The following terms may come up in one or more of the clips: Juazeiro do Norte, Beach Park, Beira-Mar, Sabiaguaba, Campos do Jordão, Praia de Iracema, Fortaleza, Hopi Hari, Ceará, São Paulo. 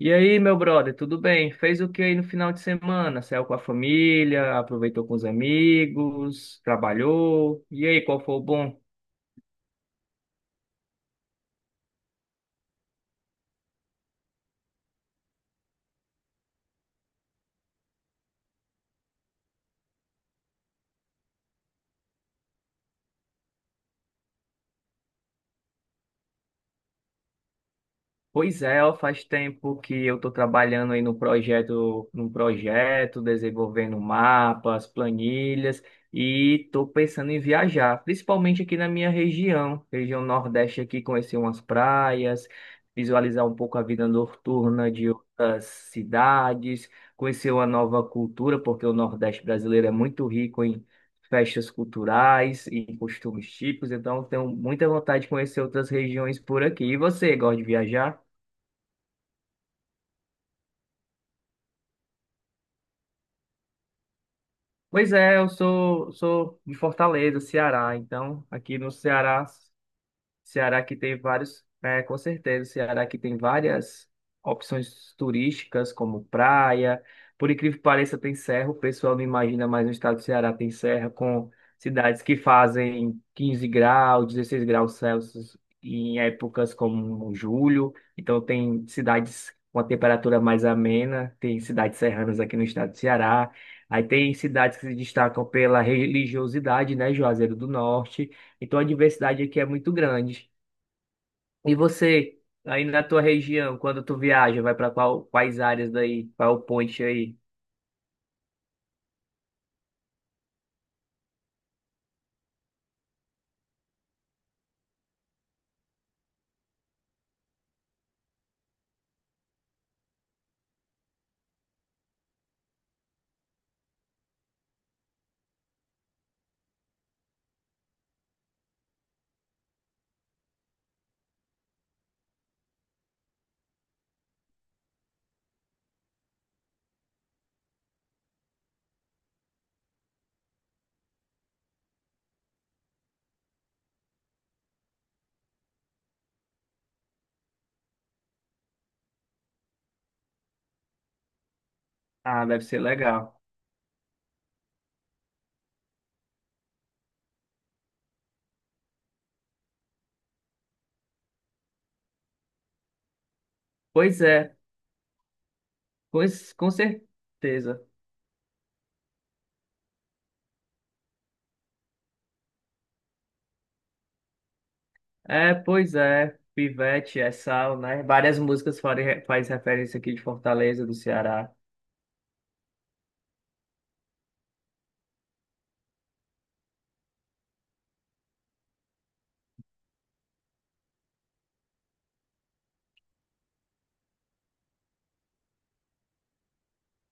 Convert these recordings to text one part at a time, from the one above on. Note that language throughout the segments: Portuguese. E aí, meu brother, tudo bem? Fez o que aí no final de semana? Saiu com a família, aproveitou com os amigos, trabalhou. E aí, qual foi o bom? Pois é, ó, faz tempo que eu estou trabalhando aí no projeto, num projeto, desenvolvendo mapas, planilhas e estou pensando em viajar, principalmente aqui na minha região, região Nordeste aqui, conhecer umas praias, visualizar um pouco a vida noturna de outras cidades, conhecer uma nova cultura, porque o Nordeste brasileiro é muito rico em festas culturais e costumes típicos, então tenho muita vontade de conhecer outras regiões por aqui. E você, gosta de viajar? Pois é, sou de Fortaleza, Ceará. Então, aqui no Ceará que tem vários, é, com certeza, Ceará que tem várias opções turísticas, como praia. Por incrível que pareça, tem serra. O pessoal não imagina, mas no estado do Ceará tem serra com cidades que fazem 15 graus, 16 graus Celsius em épocas como julho. Então, tem cidades com a temperatura mais amena, tem cidades serranas aqui no estado do Ceará. Aí tem cidades que se destacam pela religiosidade, né? Juazeiro do Norte. Então a diversidade aqui é muito grande. E você, aí na tua região, quando tu viaja, vai para qual, quais áreas daí? Qual é o point aí? Ah, deve ser legal. Pois é, pois, com certeza. É, pois é. Pivete, é sal, né? Várias músicas fazem faz referência aqui de Fortaleza, do Ceará.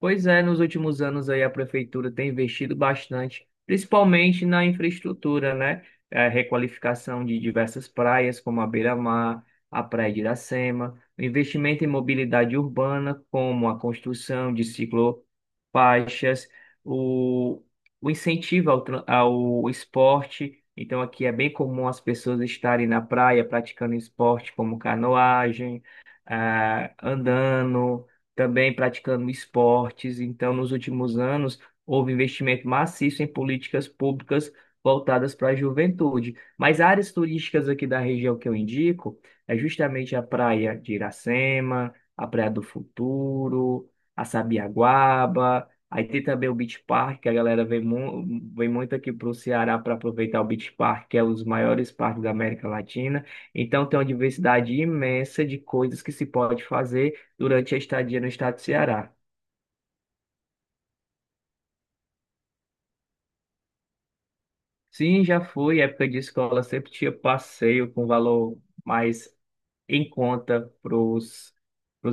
Pois é, nos últimos anos aí a prefeitura tem investido bastante, principalmente na infraestrutura, né? É, requalificação de diversas praias, como a Beira-Mar, a Praia de Iracema, investimento em mobilidade urbana, como a construção de ciclofaixas, o, o incentivo ao, ao esporte. Então, aqui é bem comum as pessoas estarem na praia praticando esporte, como canoagem, andando também praticando esportes. Então, nos últimos anos, houve investimento maciço em políticas públicas voltadas para a juventude. Mas áreas turísticas aqui da região que eu indico é justamente a Praia de Iracema, a Praia do Futuro, a Sabiaguaba. Aí tem também o Beach Park, que a galera vem, vem muito aqui para o Ceará para aproveitar o Beach Park, que é um dos maiores parques da América Latina. Então tem uma diversidade imensa de coisas que se pode fazer durante a estadia no estado do Ceará. Sim, já foi, época de escola sempre tinha passeio com valor mais em conta para os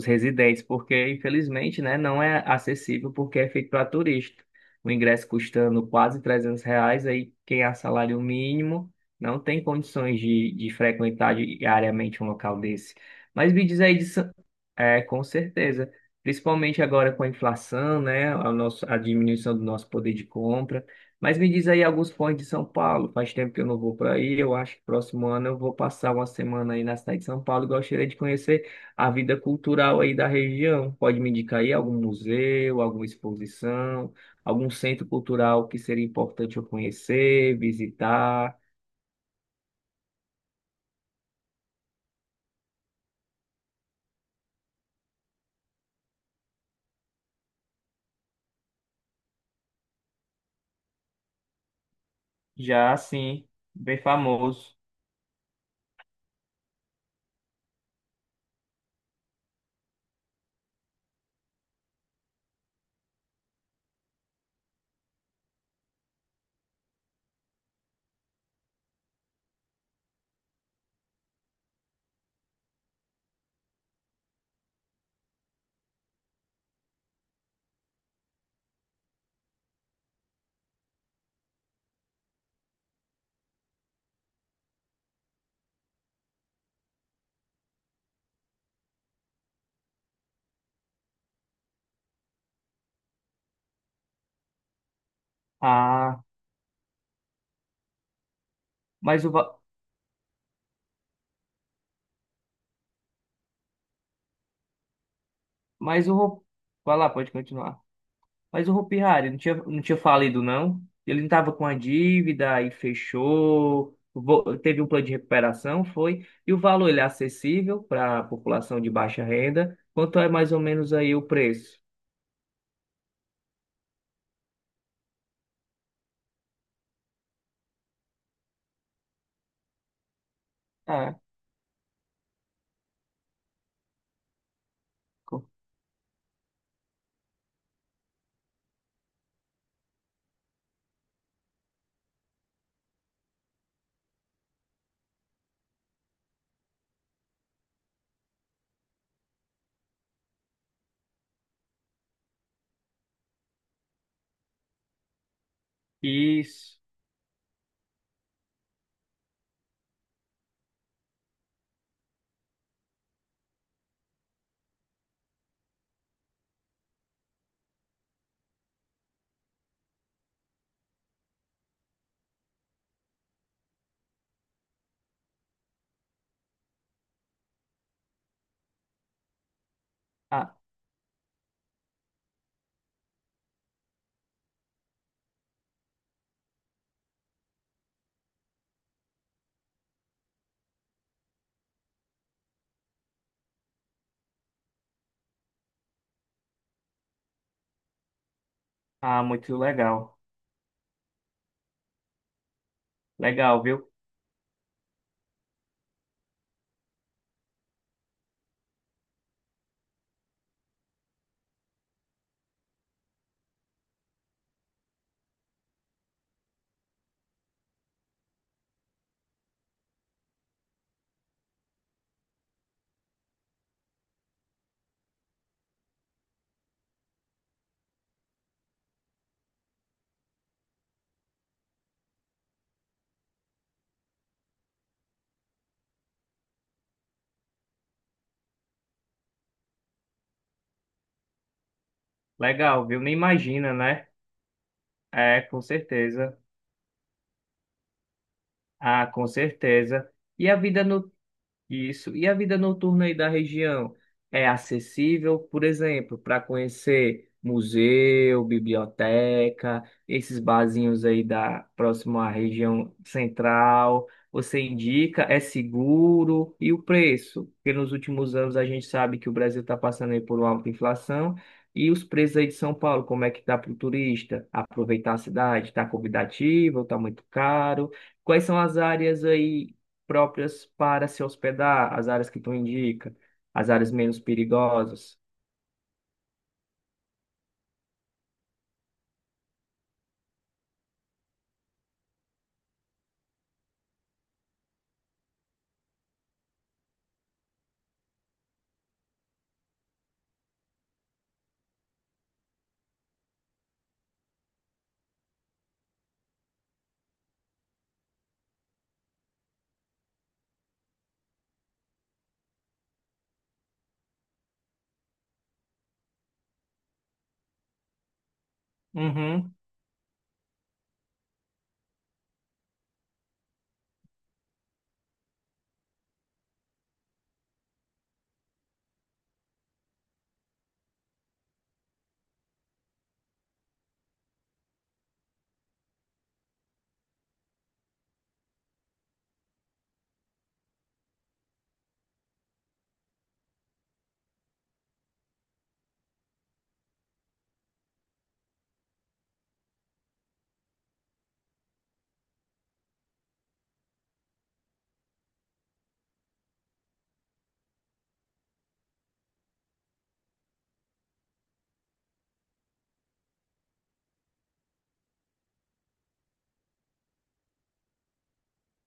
residentes, porque infelizmente, né, não é acessível porque é feito para turista. O ingresso custando quase R$ 300, aí quem é salário mínimo não tem condições de frequentar diariamente um local desse. Mas me diz aí, é, com certeza, principalmente agora com a inflação, né, a, nossa, a diminuição do nosso poder de compra. Mas me diz aí alguns pontos de São Paulo. Faz tempo que eu não vou para aí. Eu acho que próximo ano eu vou passar uma semana aí na cidade de São Paulo e gostaria de conhecer a vida cultural aí da região. Pode me indicar aí algum museu, alguma exposição, algum centro cultural que seria importante eu conhecer, visitar? Já sim. Bem famoso. Ah, mas o va- mas eu vou falar, pode continuar. Mas o Hopi Hari não tinha, não tinha falido, não? Ele não tava com a dívida, aí fechou, teve um plano de recuperação, foi. E o valor, ele é acessível para a população de baixa renda? Quanto é mais ou menos aí o preço? Ah, co- isso. Ah, ah, muito legal. Legal, viu? Legal, viu? Nem imagina, né? É, com certeza. Ah, com certeza. E a vida no Isso. E a vida noturna aí da região é acessível, por exemplo, para conhecer museu, biblioteca, esses barzinhos aí da próximo à região central. Você indica, é seguro e o preço? Porque nos últimos anos a gente sabe que o Brasil está passando aí por uma alta inflação. E os preços aí de São Paulo, como é que tá para o turista? Aproveitar a cidade, está convidativo, está muito caro? Quais são as áreas aí próprias para se hospedar, as áreas que tu indica, as áreas menos perigosas. Uhum,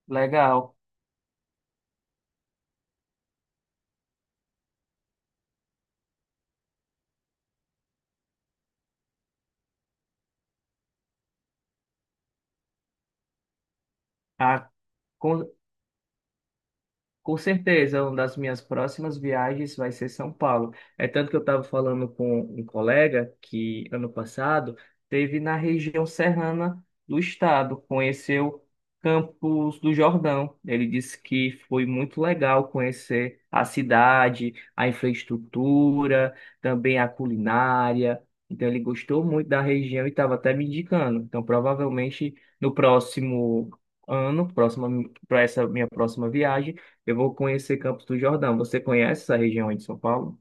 legal. Ah, com Com certeza, uma das minhas próximas viagens vai ser São Paulo. É tanto que eu estava falando com um colega que ano passado teve na região serrana do estado, conheceu Campos do Jordão. Ele disse que foi muito legal conhecer a cidade, a infraestrutura, também a culinária. Então ele gostou muito da região e estava até me indicando. Então provavelmente no próximo ano, próxima para essa minha próxima viagem eu vou conhecer Campos do Jordão. Você conhece essa região aí de São Paulo?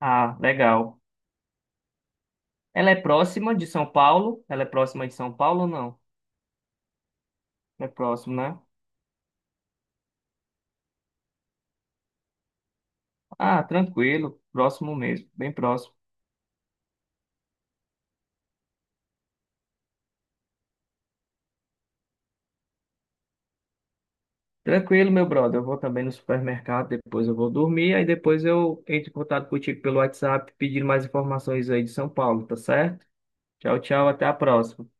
Ah, legal. Ela é próxima de São Paulo? Ela é próxima de São Paulo ou não? É próximo, né? Ah, tranquilo. Próximo mesmo, bem próximo. Tranquilo, meu brother. Eu vou também no supermercado, depois eu vou dormir, aí depois eu entro em contato contigo pelo WhatsApp pedindo mais informações aí de São Paulo, tá certo? Tchau, tchau, até a próxima.